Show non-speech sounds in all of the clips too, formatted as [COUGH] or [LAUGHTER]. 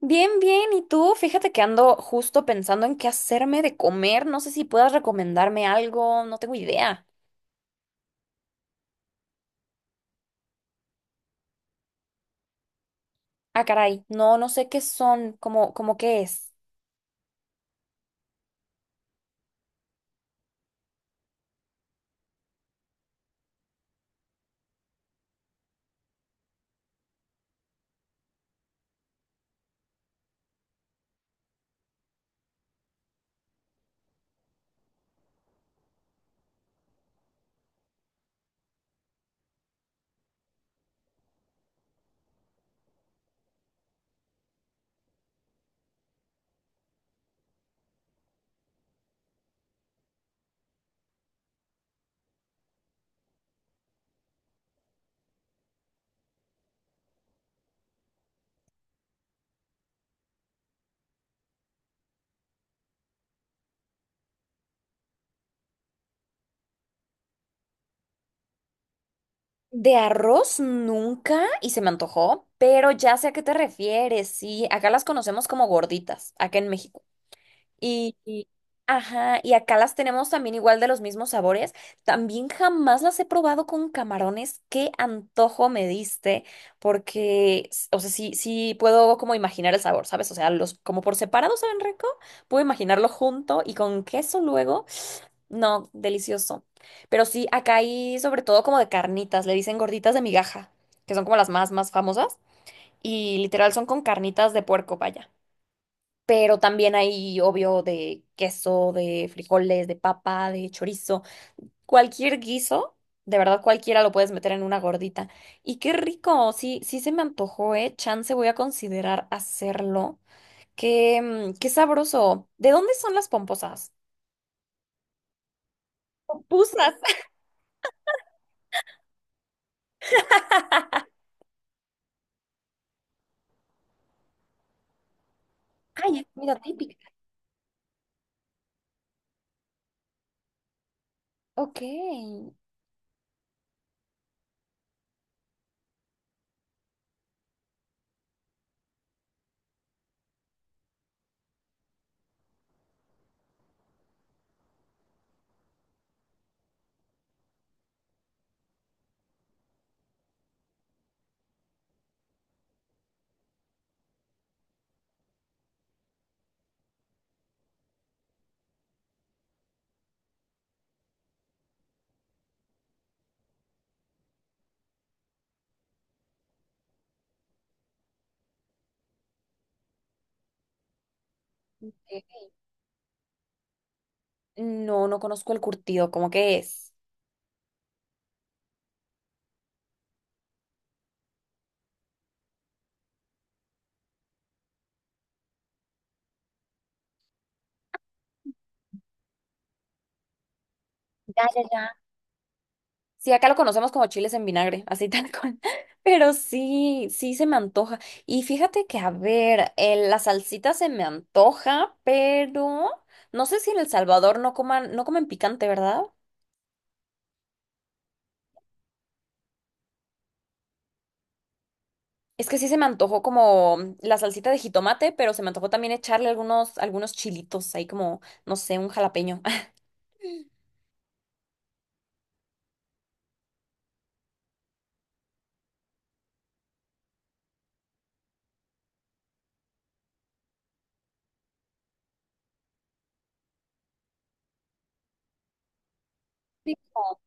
Bien, bien. ¿Y tú? Fíjate que ando justo pensando en qué hacerme de comer. No sé si puedas recomendarme algo. No tengo idea. Ah, caray. No, no sé qué son. ¿Cómo qué es? De arroz nunca y se me antojó, pero ya sé a qué te refieres. Sí, acá las conocemos como gorditas, acá en México. Y, y- ajá, y acá las tenemos también igual de los mismos sabores. También jamás las he probado con camarones. Qué antojo me diste, porque, o sea, sí, sí puedo como imaginar el sabor, ¿sabes? O sea, los como por separado saben rico, puedo imaginarlo junto y con queso luego. No, delicioso. Pero sí, acá hay sobre todo como de carnitas, le dicen gorditas de migaja, que son como las más famosas. Y literal son con carnitas de puerco, vaya, pero también hay, obvio, de queso, de frijoles, de papa, de chorizo, cualquier guiso, de verdad cualquiera lo puedes meter en una gordita. Y qué rico, sí, sí se me antojó, ¿eh? Chance voy a considerar hacerlo. Qué, qué sabroso. ¿De dónde son las pomposas? Pupusas. [LAUGHS] Ay, es comida típica. Ok. Ok. No, no conozco el curtido, ¿cómo que es? Ya, ya, ya. Sí, acá lo conocemos como chiles en vinagre, así tal cual. [LAUGHS] Pero sí, sí se me antoja. Y fíjate que, a ver, la salsita se me antoja, pero no sé si en El Salvador no comen picante, ¿verdad? Es que sí se me antojó como la salsita de jitomate, pero se me antojó también echarle algunos chilitos ahí como, no sé, un jalapeño. [LAUGHS] Rico.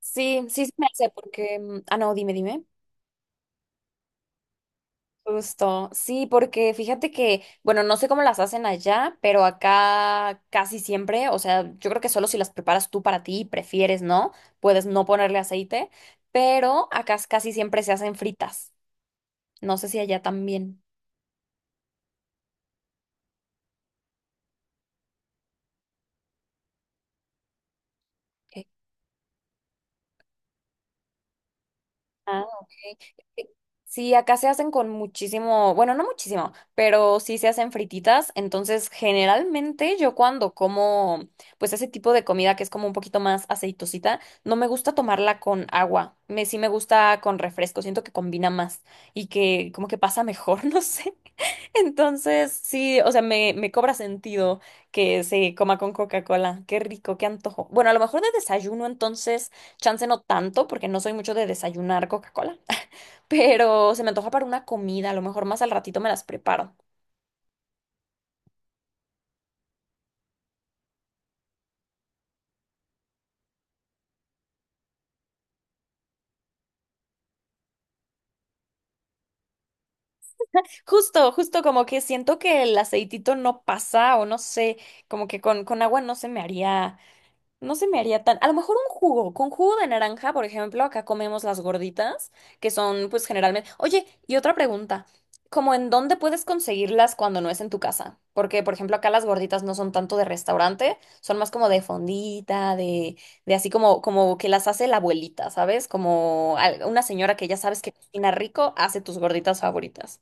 Sí, sí se me hace porque... ah, no, dime. Justo, sí, porque fíjate que, bueno, no sé cómo las hacen allá, pero acá casi siempre, o sea, yo creo que solo si las preparas tú para ti y prefieres, ¿no? Puedes no ponerle aceite, pero acá casi siempre se hacen fritas. No sé si allá también. eh, Ah, ok. Eh, Sí, acá se hacen con muchísimo, bueno, no muchísimo, pero sí se hacen frititas. Entonces, generalmente yo cuando como, pues ese tipo de comida que es como un poquito más aceitosita, no me gusta tomarla con agua. Sí me gusta con refresco, siento que combina más y que como que pasa mejor, [LAUGHS] no sé. Entonces, sí, o sea, me cobra sentido que se coma con Coca-Cola. Qué rico, qué antojo. Bueno, a lo mejor de desayuno, entonces, chance no tanto, porque no soy mucho de desayunar Coca-Cola, [LAUGHS] pero se me antoja para una comida, a lo mejor más al ratito me las preparo. Justo, justo como que siento que el aceitito no pasa, o no sé, como que con agua no se me haría. No se me haría tan. A lo mejor un jugo. Con jugo de naranja, por ejemplo, acá comemos las gorditas, que son, pues, generalmente. Oye, y otra pregunta. ¿Cómo en dónde puedes conseguirlas cuando no es en tu casa? Porque, por ejemplo, acá las gorditas no son tanto de restaurante, son más como de fondita, de así como, como que las hace la abuelita, ¿sabes? Como una señora que ya sabes que cocina rico, hace tus gorditas favoritas.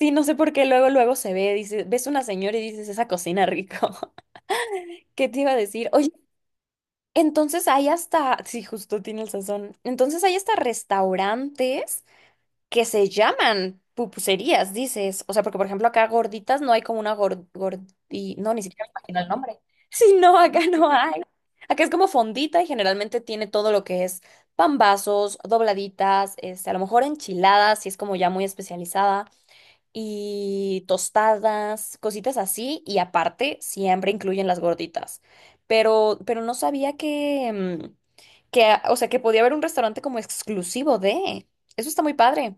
Sí, no sé por qué luego se ve, dice, ves una señora y dices, esa cocina rico. [LAUGHS] ¿Qué te iba a decir? Oye, entonces hay hasta, sí, justo tiene el sazón. Entonces hay hasta restaurantes que se llaman pupuserías, dices. O sea, porque por ejemplo acá gorditas no hay como una gordi, no, ni siquiera me imagino el nombre. [LAUGHS] Sí, no, acá no hay. Acá es como fondita y generalmente tiene todo lo que es pambazos, dobladitas, este, a lo mejor enchiladas, si es como ya muy especializada y tostadas, cositas así, y aparte siempre incluyen las gorditas. Pero no sabía que, que, ah, o sea, que podía haber un restaurante como exclusivo de. Eso está muy padre.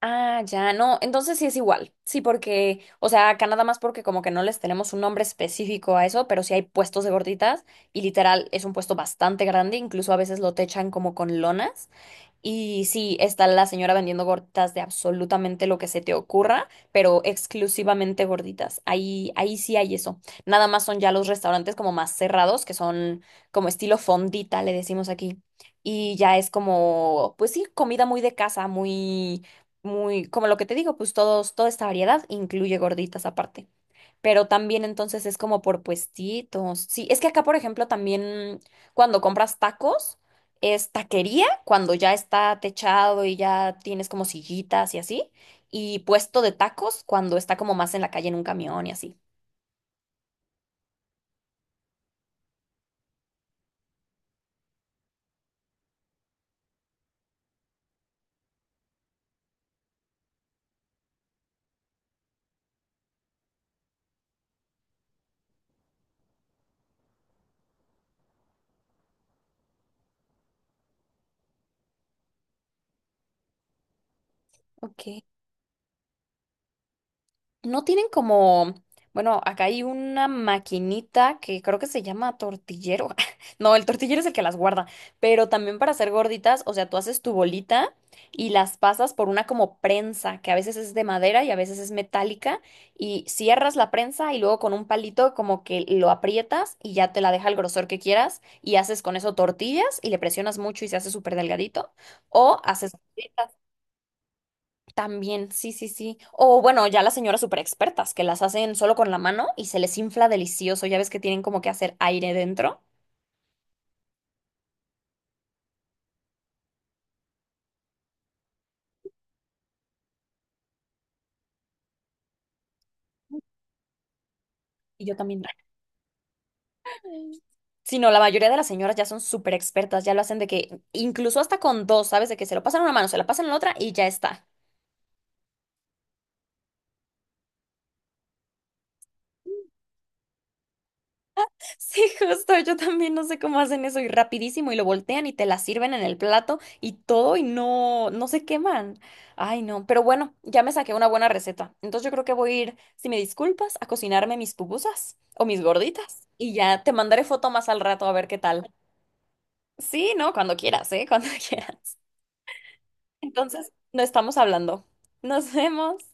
Ah, ya, no, entonces sí es igual. Sí, porque, o sea, acá nada más porque como que no les tenemos un nombre específico a eso, pero sí hay puestos de gorditas y literal es un puesto bastante grande, incluso a veces lo techan como con lonas. Y sí, está la señora vendiendo gorditas de absolutamente lo que se te ocurra, pero exclusivamente gorditas. Ahí sí hay eso. Nada más son ya los restaurantes como más cerrados, que son como estilo fondita, le decimos aquí. Y ya es como, pues sí, comida muy de casa, muy, muy, como lo que te digo, pues todos, toda esta variedad incluye gorditas aparte. Pero también entonces es como por puestitos. Sí, es que acá, por ejemplo, también cuando compras tacos, es taquería, cuando ya está techado y ya tienes como sillitas y así, y puesto de tacos cuando está como más en la calle en un camión y así. Ok. No tienen como, bueno, acá hay una maquinita que creo que se llama tortillero. [LAUGHS] No, el tortillero es el que las guarda, pero también para hacer gorditas, o sea, tú haces tu bolita y las pasas por una como prensa, que a veces es de madera y a veces es metálica, y cierras la prensa y luego con un palito como que lo aprietas y ya te la deja el grosor que quieras y haces con eso tortillas y le presionas mucho y se hace súper delgadito, o haces... gorditas. También, sí, sí, sí. O bueno, ya las señoras super expertas que las hacen solo con la mano y se les infla delicioso. Ya ves que tienen como que hacer aire dentro. Y yo también. [LAUGHS] Sí, no, la mayoría de las señoras ya son súper expertas, ya lo hacen de que incluso hasta con dos, ¿sabes? De que se lo pasan a una mano, se la pasan a la otra y ya está. Sí, justo, yo también no sé cómo hacen eso y rapidísimo y lo voltean y te la sirven en el plato y todo y no, no se queman. Ay, no, pero bueno, ya me saqué una buena receta. Entonces yo creo que voy a ir, si me disculpas, a cocinarme mis pupusas o mis gorditas y ya te mandaré foto más al rato a ver qué tal. Sí, no, cuando quieras, ¿eh? [LAUGHS] Cuando quieras. Entonces, no estamos hablando. Nos vemos.